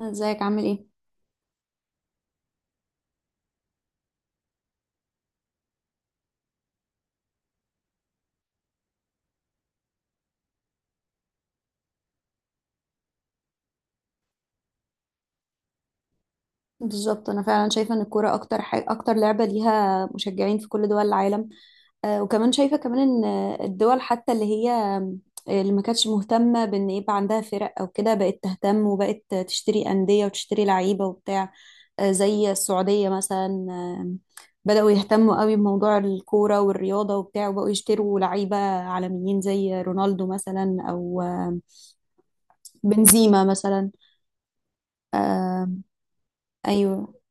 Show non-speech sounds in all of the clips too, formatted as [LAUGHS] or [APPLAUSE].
ازيك؟ عامل ايه؟ بالظبط، انا فعلا شايفه ان الكوره اكتر لعبه ليها مشجعين في كل دول العالم. وكمان شايفه كمان ان الدول، حتى اللي هي آه، اللي ما كانتش مهتمه بان يبقى عندها فرق او كده، بقت تهتم وبقت تشتري انديه وتشتري لعيبه وبتاع. زي السعوديه مثلا، بداوا يهتموا قوي بموضوع الكوره والرياضه وبتاع، وبقوا يشتروا لعيبه عالميين زي رونالدو مثلا، او آه، بنزيما مثلا. آه، ايوه.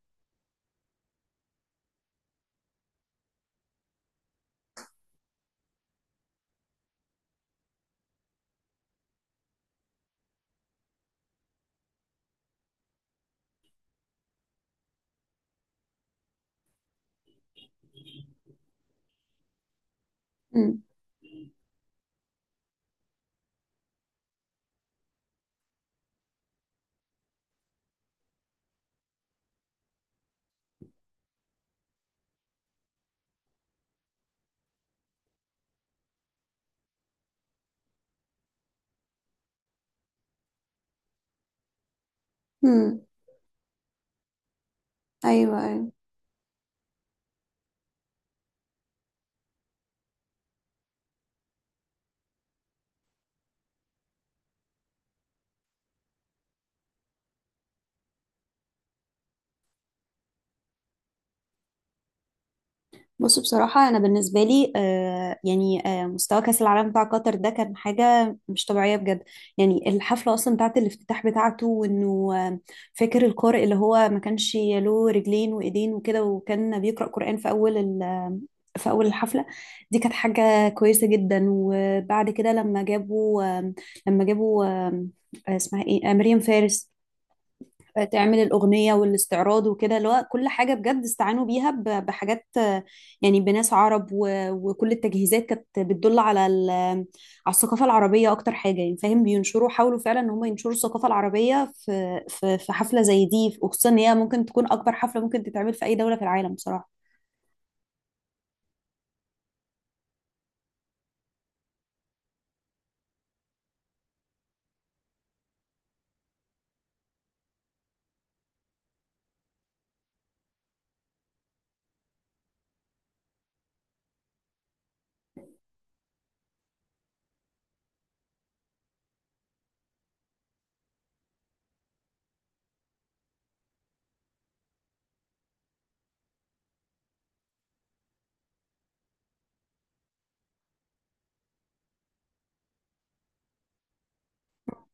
مم. ايوه، ايوه. بص، بصراحه انا بالنسبه لي يعني مستوى كاس العالم بتاع قطر ده كان حاجه مش طبيعيه بجد. يعني الحفله اصلا بتاعت الافتتاح بتاعته، وانه فاكر القارئ اللي هو ما كانش له رجلين وايدين وكده، وكان بيقرا قران في اول الحفله. دي كانت حاجه كويسه جدا. وبعد كده لما جابوا آم، لما جابوا آم، آه، اسمها ايه، مريم فارس، تعمل الأغنية والاستعراض وكده، اللي هو كل حاجة بجد استعانوا بيها بحاجات، يعني بناس عرب، وكل التجهيزات كانت بتدل على الثقافة العربية أكتر حاجة. يعني فاهم، بينشروا، حاولوا فعلا إن هم ينشروا الثقافة العربية في حفلة زي دي، وخصوصا إن هي ممكن تكون أكبر حفلة ممكن تتعمل في أي دولة في العالم بصراحة.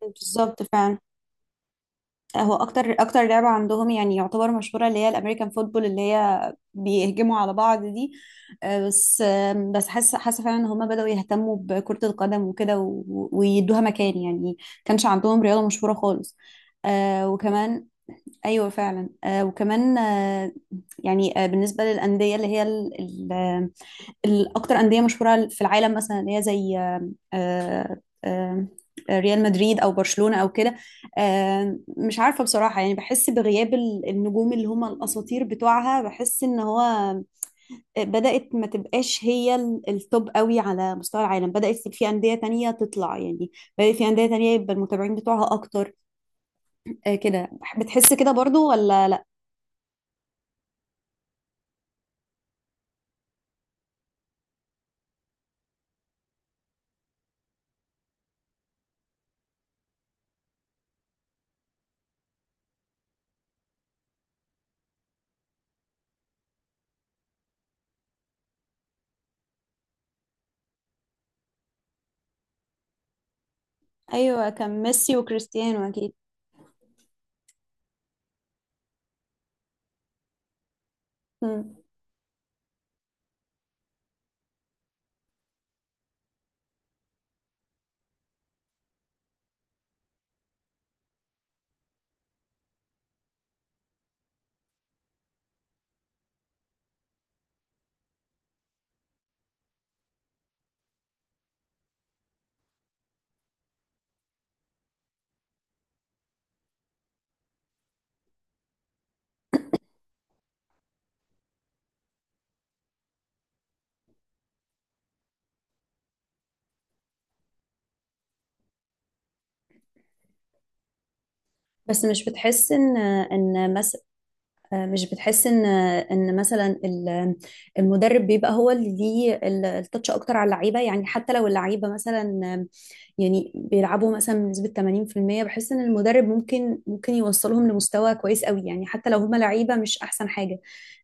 بالظبط، فعلا هو اكتر لعبه عندهم، يعني يعتبر مشهوره، اللي هي الامريكان فوتبول اللي هي بيهجموا على بعض دي. بس حاسه فعلا ان هم بداوا يهتموا بكره القدم وكده، ويدوها مكان يعني. كانش عندهم رياضه مشهوره خالص. وكمان. ايوه فعلا، وكمان يعني، بالنسبه للانديه اللي هي الأكتر أندية مشهورة في العالم مثلا، اللي هي زي آم، آه، آم، ريال مدريد أو برشلونة أو كده. مش عارفة بصراحة، يعني بحس بغياب النجوم اللي هم الأساطير بتوعها. بحس إن هو بدأت ما تبقاش هي التوب قوي على مستوى العالم، بدأت في أندية تانية تطلع يعني، بدأت في أندية تانية يبقى المتابعين بتوعها أكتر، كده. بتحس كده برضو ولا لأ؟ أيوة، كان ميسي وكريستيانو أكيد. مم. بس مش بتحس إن، إن مثلا آه، مش بتحس ان مثلا المدرب بيبقى هو اللي ليه التاتش اكتر على اللعيبه، يعني حتى لو اللعيبه مثلا آم، يعني بيلعبوا مثلا بنسبه 80%، بحس ان المدرب ممكن يوصلهم لمستوى كويس قوي، يعني حتى لو هما لعيبه مش احسن حاجه.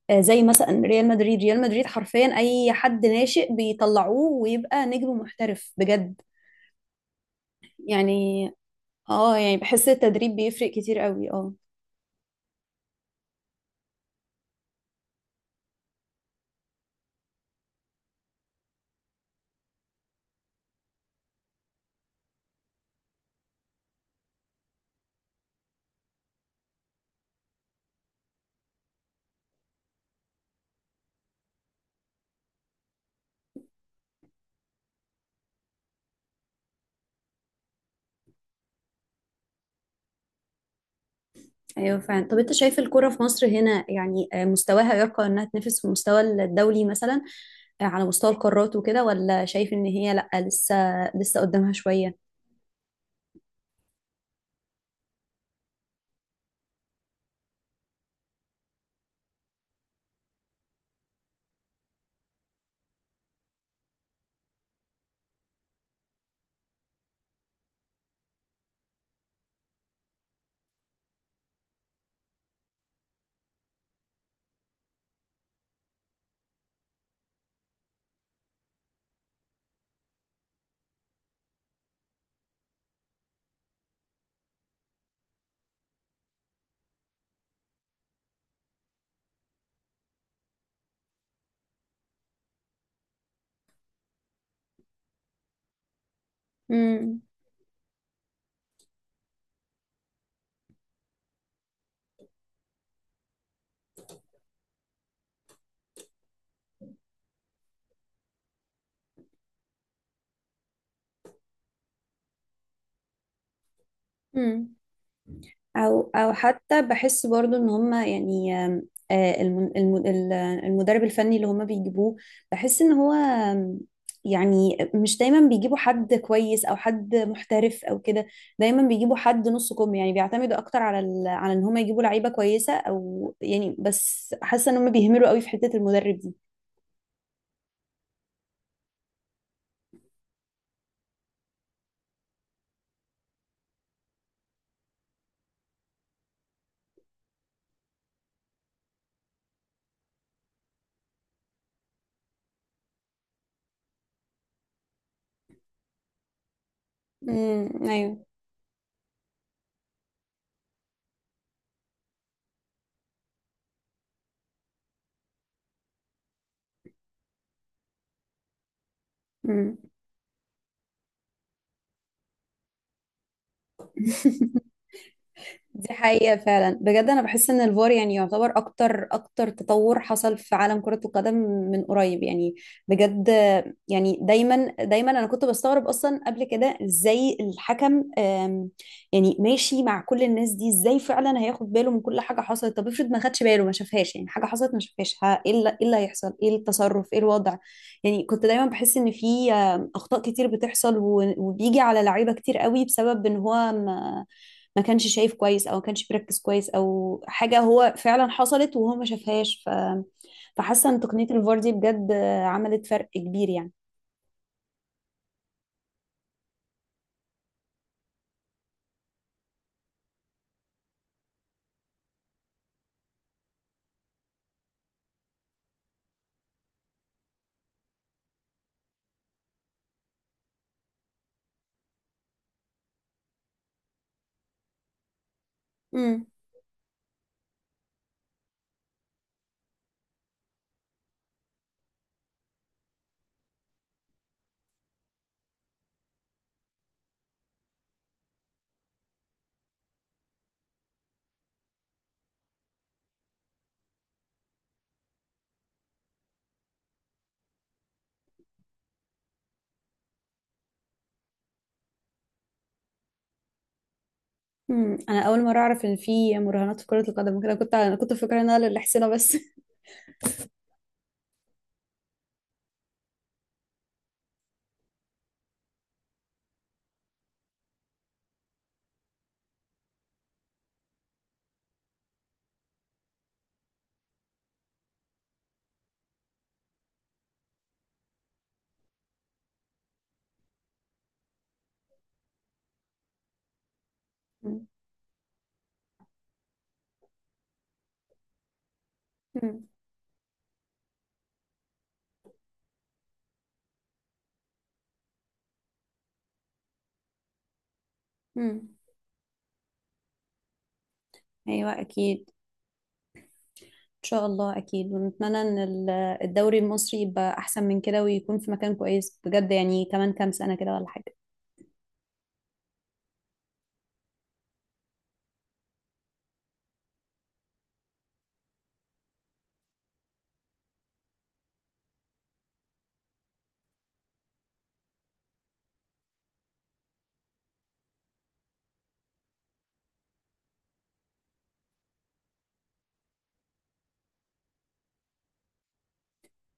زي مثلا ريال مدريد، ريال مدريد حرفيا اي حد ناشئ بيطلعوه ويبقى نجم محترف بجد يعني. اه، يعني بحس التدريب بيفرق كتير قوي، اه. ايوه فعلا. طب انت شايف الكوره في مصر هنا يعني، مستواها يرقى انها تنافس في المستوى الدولي مثلا، على مستوى القارات وكده، ولا شايف ان هي لا، لسه قدامها شويه؟ امم امم او حتى بحس برضو ان هما يعني، آم، آه، الم- الم- ال- المدرب الفني اللي هما بيجيبوه، بحس ان هو يعني مش دايما بيجيبوا حد كويس او حد محترف او كده، دايما بيجيبوا حد نص كم، يعني بيعتمدوا اكتر على ان هما يجيبوا لعيبه كويسه، او يعني بس حاسه ان هما بيهملوا قوي في حته المدرب دي. ايوه. امم [LAUGHS] دي حقيقة فعلا بجد. أنا بحس إن الفار يعني يعتبر أكتر أكتر تطور حصل في عالم كرة القدم من قريب يعني، بجد. يعني دايما دايما أنا كنت بستغرب أصلا قبل كده، إزاي الحكم يعني ماشي مع كل الناس دي. إزاي فعلا هياخد باله من كل حاجة حصلت؟ طب افرض ما خدش باله، ما شافهاش، يعني حاجة حصلت ما شافهاش، إيه اللي هيحصل؟ إيه التصرف؟ إيه الوضع؟ يعني كنت دايما بحس إن في أخطاء كتير بتحصل، وبيجي على لعيبة كتير قوي بسبب إن هو ما كانش شايف كويس، او ما كانش بيركز كويس، او حاجه هو فعلا حصلت وهو ما شافهاش. فحاسه ان تقنيه الفار دي بجد عملت فرق كبير يعني. امم انا اول مره اعرف ان في مراهنات في كره القدم كده، كنت فاكره انها للحسنه بس. [LAUGHS] مم. مم. مم. ايوه اكيد. ان شاء الله اكيد. ونتمنى ان الدوري المصري يبقى احسن من كده، ويكون في مكان كويس بجد، يعني كمان كام سنه كده ولا حاجه.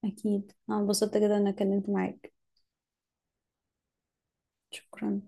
اكيد، انا انبسطت كده ان اتكلمت معاك. شكرا.